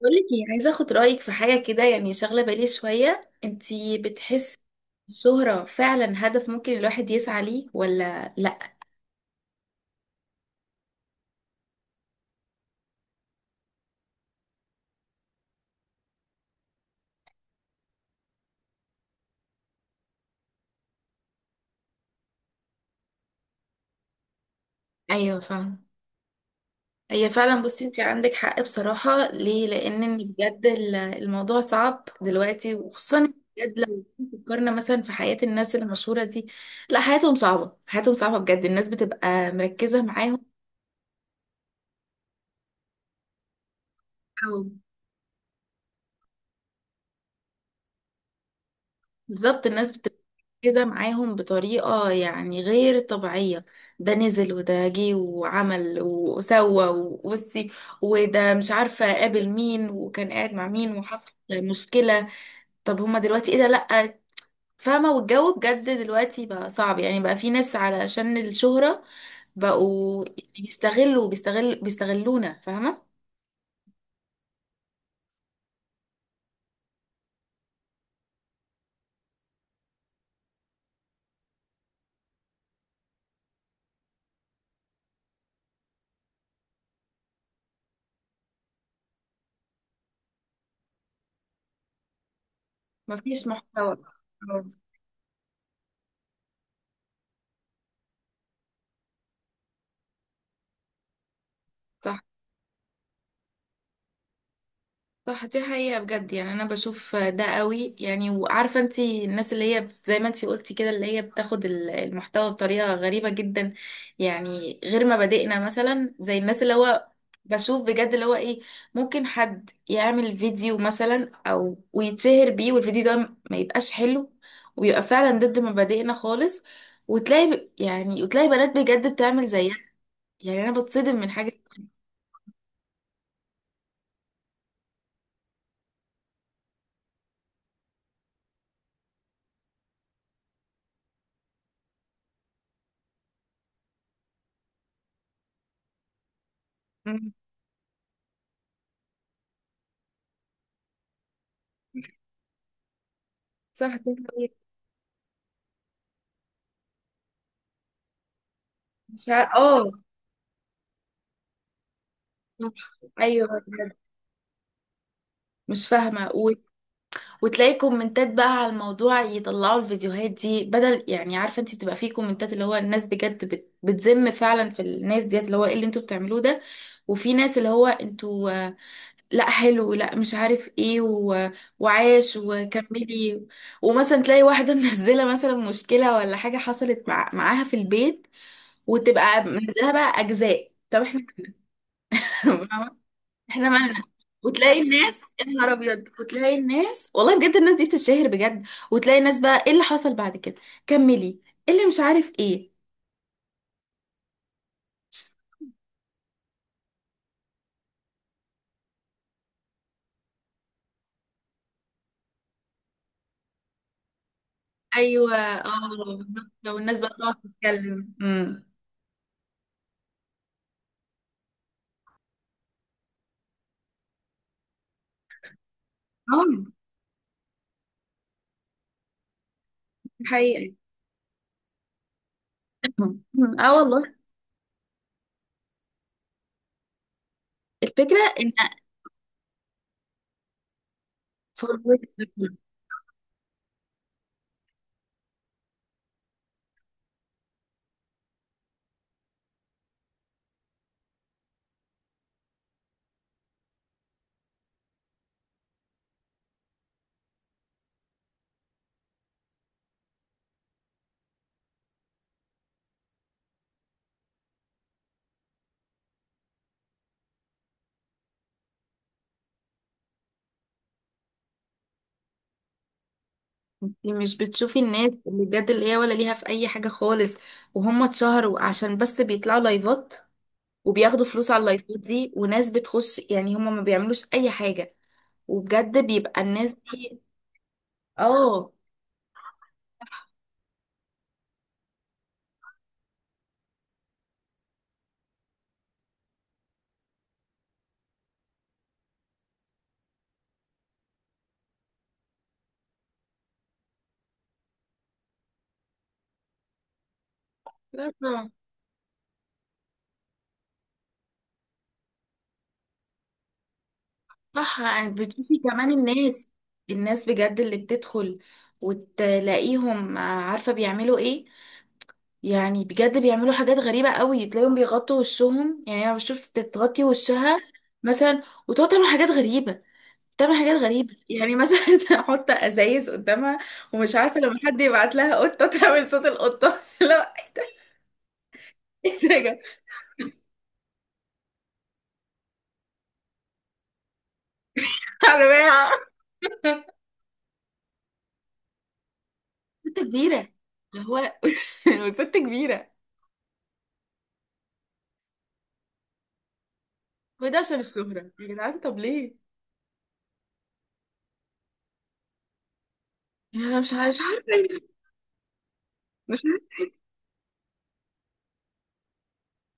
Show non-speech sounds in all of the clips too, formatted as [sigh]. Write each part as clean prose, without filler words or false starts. بقول لك ايه، عايزه اخد رايك في حاجه كده، يعني شاغله بالي شويه. انتي بتحسي الشهره فعلا هدف ممكن الواحد يسعى ليه ولا لا؟ ايوه، فاهم. هي فعلا، بصي انتي عندك حق بصراحه، ليه؟ لان بجد الموضوع صعب دلوقتي، وخصوصا بجد لو فكرنا مثلا في حياه الناس المشهوره دي. لا، حياتهم صعبه، حياتهم صعبه بجد. الناس بتبقى مركزه معاهم. بالظبط، الناس بتبقى مركزة معاهم بطريقة يعني غير طبيعية. ده نزل وده جه وعمل وسوى وبصي، وده مش عارفة قابل مين وكان قاعد مع مين وحصل مشكلة. طب هما دلوقتي ايه ده؟ لأ، فاهمة. والجو بجد دلوقتي بقى صعب، يعني بقى في ناس علشان الشهرة بقوا يعني بيستغلوا بيستغل بيستغلونا، فاهمة. مفيش محتوى. أه، صح، صح، دي حقيقة بجد. يعني أنا بشوف ده قوي يعني. وعارفة انتي الناس اللي هي زي ما انتي قلتي كده، اللي هي بتاخد المحتوى بطريقة غريبة جدا. يعني غير مبادئنا مثلا، زي الناس اللي هو بشوف بجد اللي هو ايه. ممكن حد يعمل فيديو مثلا أو ويتشهر بيه، والفيديو ده ما يبقاش حلو، ويبقى فعلا ضد مبادئنا خالص. وتلاقي يعني وتلاقي بنات بجد بتعمل زيها. يعني أنا بتصدم من حاجة. مم. صح، دي حقيقة. مش ه- اه، صح. ايوه بجد. مش فاهمه وتلاقي كومنتات بقى على الموضوع، يطلعوا الفيديوهات دي بدل يعني. عارفه انت بتبقى فيه كومنتات اللي هو الناس بجد بتذم فعلا في الناس ديت، اللي هو ايه اللي انتوا بتعملوه ده؟ وفي ناس اللي هو انتوا آه، لا حلو، لا مش عارف ايه وعاش وكملي. ومثلا تلاقي واحده [laughs] منزله مثلا مشكله ولا حاجه حصلت معاها في البيت. وتبقى منزلها بقى اجزاء. طب احنا [laughs] احنا مالنا؟ وتلاقي الناس يا نهار ابيض، وتلاقي الناس والله بجد الناس دي بتتشهر بجد. وتلاقي الناس بقى ايه اللي حصل بعد كده، كملي، إيه اللي مش عارف ايه. ايوه، اه، بالظبط. لو الناس بقى تقعد تتكلم اه، دي حقيقة. [laughs] اه والله. الفكرة ان، فروت، انت مش بتشوفي الناس اللي بجد اللي هي ولا ليها في اي حاجة خالص، وهم اتشهروا عشان بس بيطلعوا لايفات، وبياخدوا فلوس على اللايفات دي وناس بتخش، يعني هم ما بيعملوش اي حاجة. وبجد بيبقى الناس دي. اه. لا طبعا. صح، يعني بتشوفي كمان الناس بجد اللي بتدخل. وتلاقيهم آه، عارفة بيعملوا ايه، يعني بجد بيعملوا حاجات غريبة قوي. تلاقيهم بيغطوا وشهم، يعني انا بشوف ست تغطي وشها مثلا، وتقعد تعمل حاجات غريبة، تعمل حاجات غريبة يعني، مثلا [laughs] تحط ازايز قدامها. ومش عارفة لما حد يبعت لها قطة تعمل صوت القطة. [laughs] لا، ايه ده يا جماعة؟ ست كبيرة، اللي هو [laughs] وست كبيرة. هو ده عشان الشهرة يا جدعان؟ طب ليه؟ يعني انا مش عارفة إيه. مش عارفة.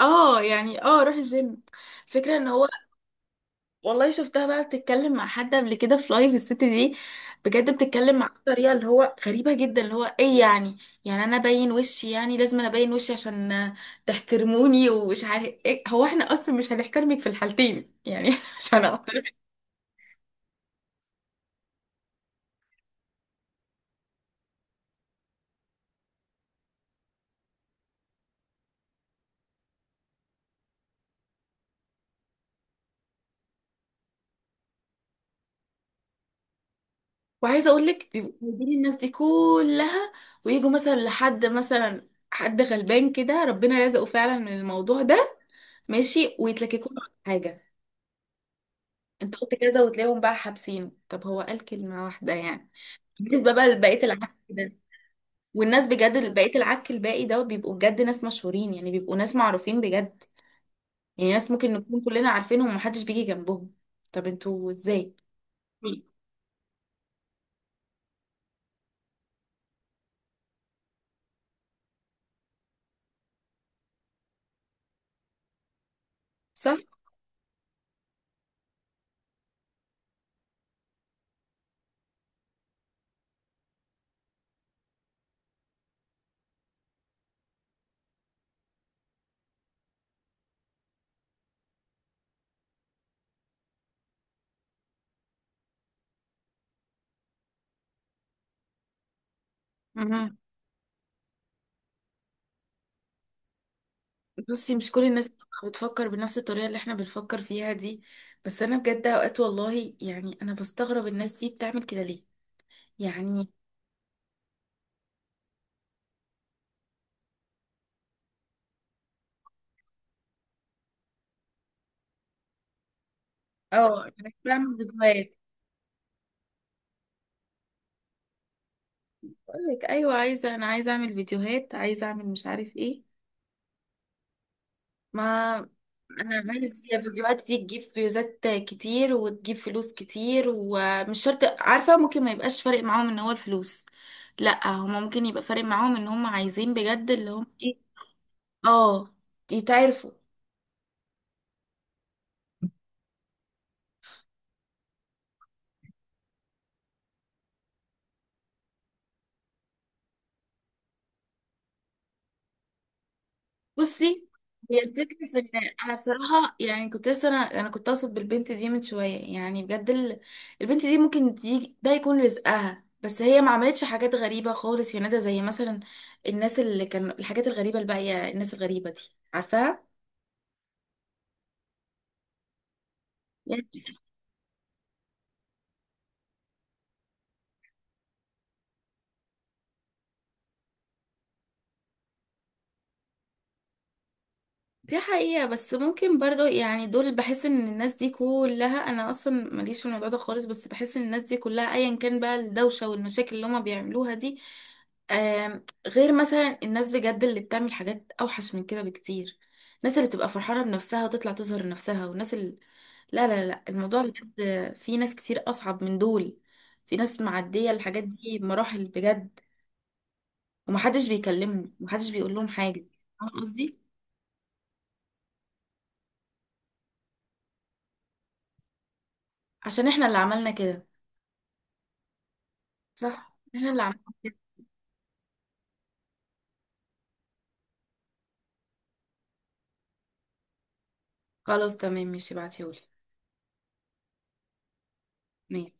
اه يعني، اه روح الجيم. الفكرة ان هو والله شفتها بقى بتتكلم مع حد قبل كده في لايف الست دي. بجد بتتكلم معاه بطريقة اللي هو غريبة جدا، اللي هو ايه يعني. يعني انا باين وشي، يعني لازم انا باين وشي عشان تحترموني ومش عارف ايه. هو احنا اصلا مش هنحترمك في الحالتين يعني [laughs] مش هنعترف. وعايزه اقول لك، بيبقوا جايبين الناس دي كلها، ويجوا مثلا لحد، مثلا حد غلبان كده ربنا رزقه فعلا من الموضوع ده، ماشي، ويتلككوا له على حاجه. انت قلت كذا، وتلاقيهم بقى حابسينه. طب هو قال كلمه واحده يعني. بالنسبه بقى لبقيه العك ده، والناس بجد بقيه العك الباقي ده بيبقوا بجد ناس مشهورين، يعني بيبقوا ناس معروفين بجد. يعني ناس ممكن نكون كلنا عارفينهم ومحدش بيجي جنبهم. طب انتوا ازاي؟ صح؟ بصي، مش كل الناس بتفكر بنفس الطريقة اللي احنا بنفكر فيها دي، بس انا بجد اوقات والله يعني انا بستغرب الناس دي بتعمل كده ليه، يعني. اه، انا بعمل فيديوهات بقول لك، ايوه عايزة، انا عايزة اعمل فيديوهات، عايزة اعمل مش عارف ايه. ما انا عايز فيديوهات دي تجيب فيوزات كتير وتجيب فلوس كتير، ومش شرط عارفة، ممكن ما يبقاش فارق معاهم ان هو الفلوس. لا، هما ممكن يبقى فارق معاهم ان هما عايزين بجد اللي هم ايه. اه، يتعرفوا. بصي، هي الفكرة في ان انا بصراحة، يعني كنت لسه انا كنت اقصد بالبنت دي من شوية، يعني بجد البنت دي ممكن ده يكون رزقها، بس هي ما عملتش حاجات غريبة خالص يا ندى، زي مثلا الناس اللي كانوا الحاجات الغريبة الباقية، الناس الغريبة دي عارفاها؟ يعني دي حقيقة، بس ممكن برضو يعني دول، بحس ان الناس دي كلها، انا اصلا ماليش في الموضوع ده خالص، بس بحس ان الناس دي كلها ايا كان بقى الدوشة والمشاكل اللي هما بيعملوها دي، غير مثلا الناس بجد اللي بتعمل حاجات اوحش من كده بكتير. الناس اللي بتبقى فرحانة بنفسها وتطلع تظهر نفسها والناس اللي... لا، لا، لا، الموضوع بجد في ناس كتير اصعب من دول. في ناس معدية الحاجات دي بمراحل بجد، ومحدش بيكلمهم ومحدش بيقول لهم حاجة. فاهم قصدي؟ عشان احنا اللي عملنا كده. صح، احنا اللي عملنا كده. خلاص، تمام، ماشي، ابعتيهولي. ماشي.